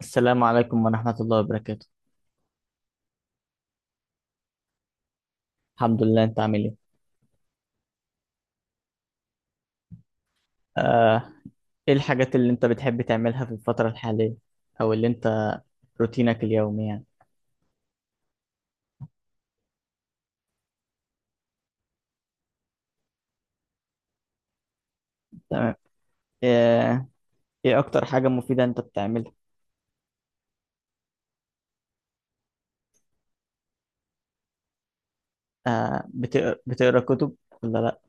السلام عليكم ورحمة الله وبركاته. الحمد لله. انت عامل ايه؟ آه، ايه الحاجات اللي انت بتحب تعملها في الفترة الحالية، او اللي انت روتينك اليومي يعني. تمام. آه، ايه اكتر حاجة مفيدة انت بتعملها؟ بتقرا كتب ولا لا؟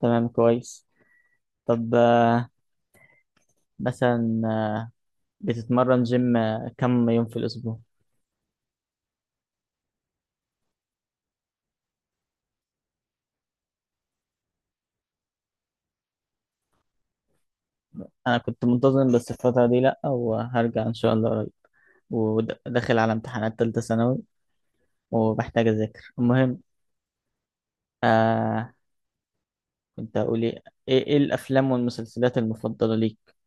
تمام كويس. طب مثلا بتتمرن جيم كم يوم في الاسبوع؟ انا كنت منتظم بس الفترة دي لا، وهرجع ان شاء الله قريب، وداخل على امتحانات تالتة ثانوي وبحتاج اذاكر. المهم آه، كنت هقول ايه. إيه الافلام والمسلسلات المفضله ليك؟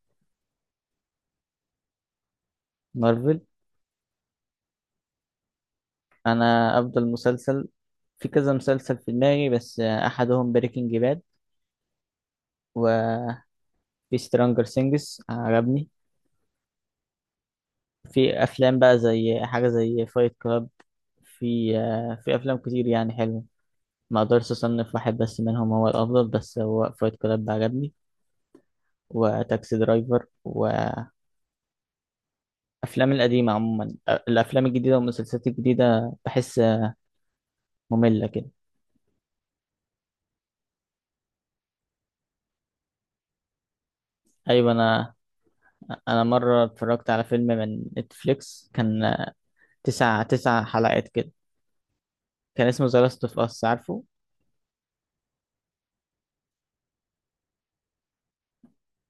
مارفل. انا افضل مسلسل، في كذا مسلسل في دماغي بس احدهم بريكنج باد. وفي سترونجر سينجز عجبني. في افلام بقى زي حاجه زي فايت كلاب. في في افلام كتير يعني حلوه. ما اقدرش اصنف واحد بس منهم هو الافضل، بس هو فايت كلاب عجبني وتاكسي درايفر وافلام القديمه عموما. الافلام الجديده والمسلسلات الجديده بحس ممله كده. ايوه انا، انا مره اتفرجت على فيلم من نتفليكس، كان تسع حلقات كده، كان اسمه ذا لاست اوف اس، عارفه؟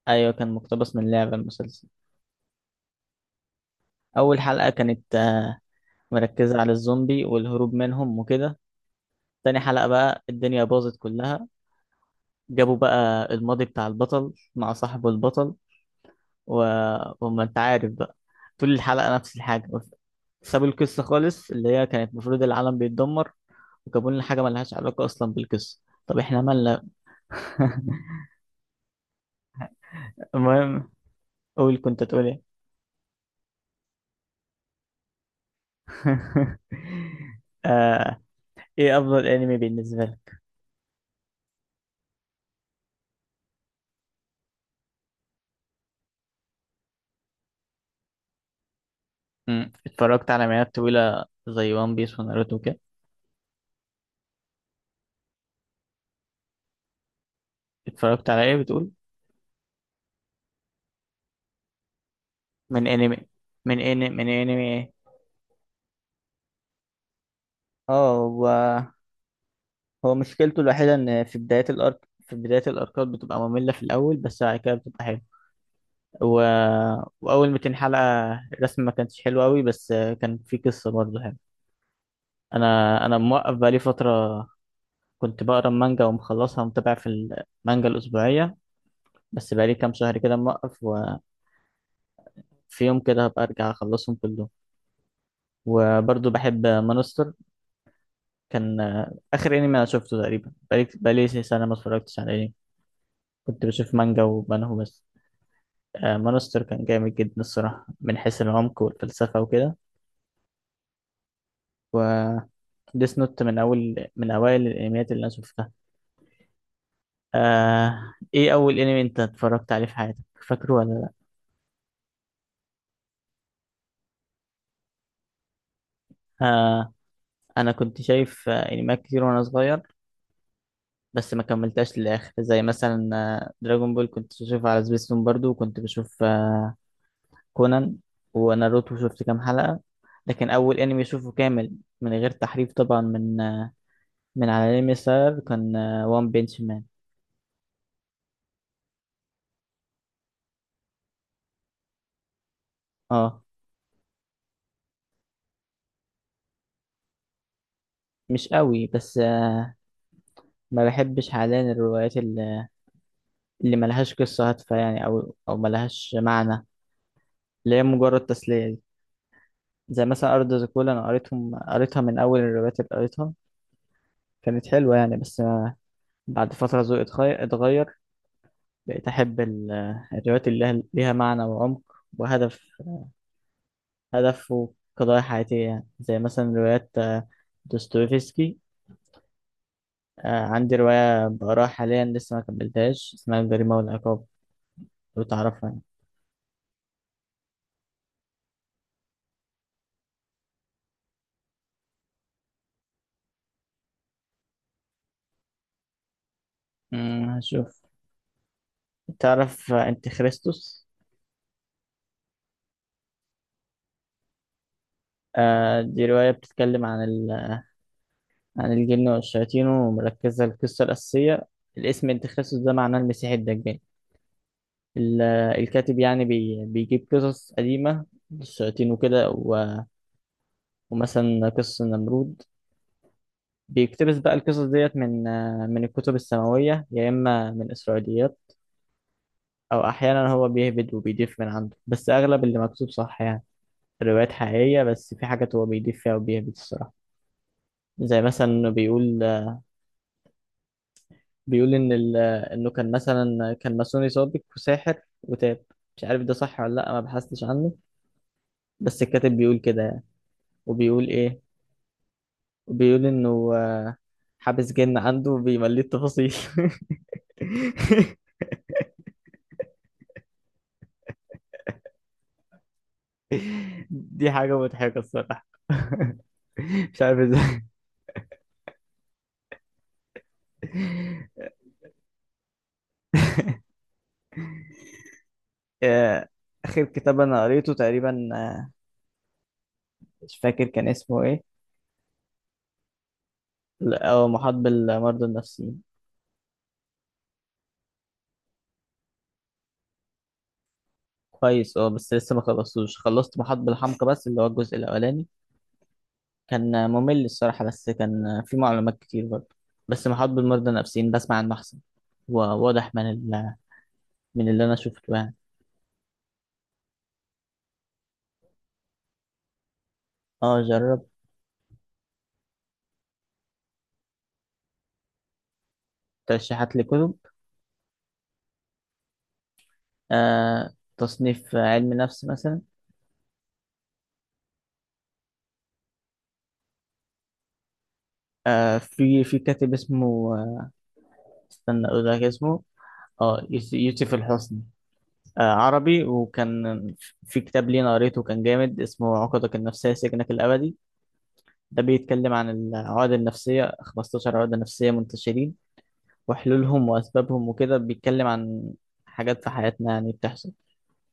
ايوه كان مقتبس من لعبه المسلسل. اول حلقه كانت مركزه على الزومبي والهروب منهم وكده. تاني حلقه بقى الدنيا باظت كلها، جابوا بقى الماضي بتاع البطل مع صاحبه البطل و... وما انت عارف بقى. طول الحلقه نفس الحاجه، سابوا القصه خالص اللي هي كانت المفروض العالم بيتدمر، وجابوا لنا حاجه ملهاش علاقه اصلا بالقصه. طب احنا مالنا؟ المهم. قول كنت تقول ايه. آه، ايه افضل انمي بالنسبه لك؟ مم. اتفرجت على مئات طويله زي وان بيس وناروتو كده. اتفرجت على ايه بتقول؟ من انمي من انمي ايه؟ اه هو، هو مشكلته الوحيده ان في بدايه الارك، في بدايه الاركات بتبقى ممله في الاول بس بعد كده بتبقى حلوه. و... واول 200 حلقه الرسم ما كانتش حلو قوي بس كان في قصه برضه حلوه. انا انا موقف بقالي فتره، كنت بقرا المانجا ومخلصها ومتابع في المانجا الأسبوعية، بس بقالي كام شهر كده موقف، وفي يوم كده هبقى أرجع أخلصهم كلهم. وبرضه بحب مانستر، كان آخر أنمي أنا شفته تقريبا، بقالي سنة ما اتفرجتش على أنمي، كنت بشوف مانجا وبنهو بس. مانستر كان جامد جدا الصراحة من حيث العمق والفلسفة وكده. و ديس نوت من أول، من أوائل الأنميات اللي أنا شفتها. إيه أول أنمي أنت اتفرجت عليه في حياتك، فاكره ولا لأ؟ آه... انا كنت شايف انميات كتير وانا صغير، بس ما كملتهاش للاخر، زي مثلا دراجون بول كنت بشوفها على سبيستون برضو، وكنت بشوف كونان وناروتو شفت كام حلقة. لكن اول انمي اشوفه كامل من غير تحريف طبعا من من على انمي ساير، كان وان بنش مان. اه. مش قوي بس ما بحبش حاليا الروايات اللي، اللي ملهاش قصة هادفة يعني او ملهاش معنى، اللي هي مجرد تسلية دي. زي مثلا أرض زيكولا أنا قريتهم، قريتها من أول الروايات اللي قريتها، كانت حلوة يعني، بس أنا بعد فترة ذوقي اتغير، بقيت أحب الروايات اللي لها، معنى وعمق وهدف، وقضايا حياتية يعني، زي مثلا روايات دوستويفسكي. عندي رواية بقراها حاليا لسه ما كملتهاش، اسمها الجريمة والعقاب، لو تعرفها يعني. هشوف. تعرف أنت خريستوس؟ دي رواية بتتكلم عن عن الجن والشياطين، ومركزة القصة الأساسية، الاسم أنت خريستوس ده معناه المسيح الدجال. ال- الكاتب يعني بيجيب قصص قديمة للشياطين وكده ومثلا قصة النمرود. بيقتبس بقى القصص ديت من الكتب السماوية يا إما من إسرائيليات، أو أحيانا هو بيهبد وبيضيف من عنده، بس أغلب اللي مكتوب صح يعني. الروايات حقيقية بس في حاجات هو بيضيف فيها وبيهبد الصراحة. زي مثلا إنه بيقول، إن إنه كان مثلا كان ماسوني سابق وساحر وتاب، مش عارف ده صح ولا لأ، ما بحثتش عنه، بس الكاتب بيقول كده يعني. وبيقول إيه، بيقول انه حابس جن عنده بيمليه التفاصيل. دي حاجة مضحكة الصراحة. مش عارف ازاي. آه، آخر كتاب أنا قريته تقريبا، مش فاكر كان اسمه ايه، لا، هو محاط بالمرضى النفسيين. كويس اه، بس لسه ما خلصتوش، خلصت محاط بالحمقى بس اللي هو الجزء الأولاني. كان ممل الصراحة، بس كان فيه معلومات كتير برضه. بس محاط بالمرضى النفسيين بسمع عنه أحسن، وواضح من من اللي أنا شفته يعني. اه جربت. ترشيحات لكتب؟ آه تصنيف علم نفس مثلا. في كاتب اسمه استنى اقول لك اسمه. اه يوسف الحسني، آه عربي. وكان في كتاب ليه أنا قريته كان جامد، اسمه عقدك النفسية سجنك الأبدي، ده بيتكلم عن العقد النفسية 15 عقدة نفسية منتشرين، وحلولهم وأسبابهم وكده. بيتكلم عن حاجات في حياتنا يعني بتحصل،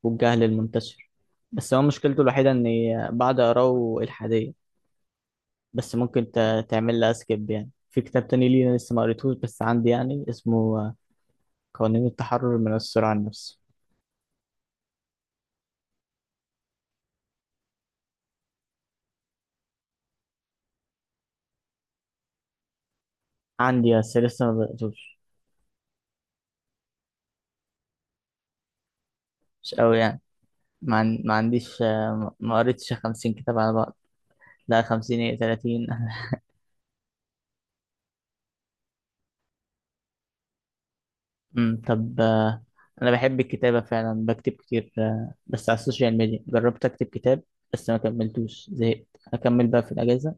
والجهل المنتشر. بس هو مشكلته الوحيدة إن بعد أقراه إلحادية، بس ممكن تعمل لها سكيب. يعني في كتاب تاني لينا لسه ما قريتهوش بس عندي، يعني اسمه قوانين التحرر من السرعة عن النفس. عندي بس لسه ما بدأتوش. مش قوي يعني، ما عنديش ما قريتش 50 كتاب على بعض. لا 50 ايه، 30. طب انا بحب الكتابة فعلا، بكتب كتير بس على السوشيال ميديا. جربت اكتب كتاب بس ما كملتوش، زهقت، هكمل بقى في الأجازة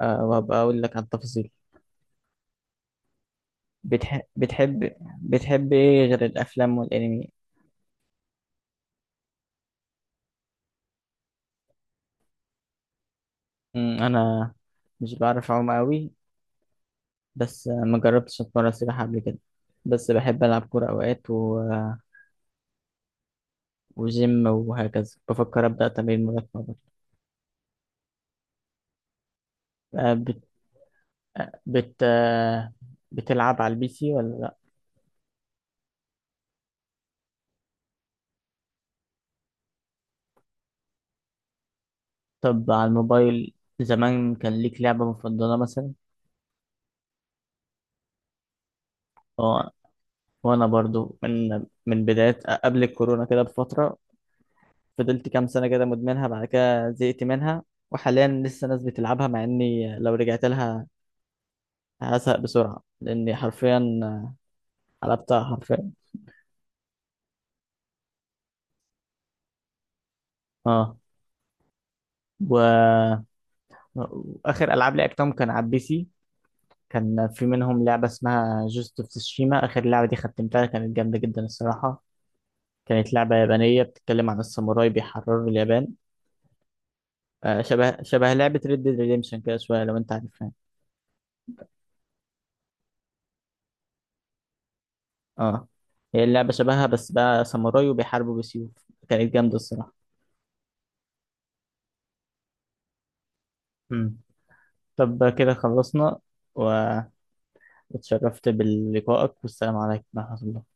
وهبقى أقول لك عن التفاصيل. بتح... بتحب بتحب ايه غير الافلام والانمي؟ انا مش بعرف اعوم قوي، بس ما جربتش اتمرن سباحه قبل كده، بس بحب العب كوره اوقات وجيم وهكذا. بفكر ابدا تمرين ملاكمه برضه. آه، بت... آه، بت... آه، بتلعب على البي سي ولا لا؟ طب على الموبايل زمان كان ليك لعبه مفضله مثلا؟ اه، وانا برضو من بدايه قبل الكورونا كده بفتره، فضلت كام سنه كده مدمنها، بعد كده زهقت منها. وحاليا لسه ناس بتلعبها، مع اني لو رجعت لها هزهق بسرعة، لأني حرفيا قلبتها حرفيا. اه و... وآخر ألعاب لعبتهم كان على البي سي. كان في منهم لعبة اسمها جوست اوف تسوشيما، آخر لعبة دي ختمتها، كانت جامدة جدا الصراحة. كانت لعبة يابانية بتتكلم عن الساموراي بيحرروا اليابان. آه شبه لعبة ريد ديد ريديمشن كده شوية، لو أنت عارفها. اه هي اللعبة شبهها بس بقى ساموراي وبيحاربوا بسيوف، كانت جامدة الصراحة. مم. طب كده خلصنا و... واتشرفت بلقائك والسلام عليكم ورحمة الله.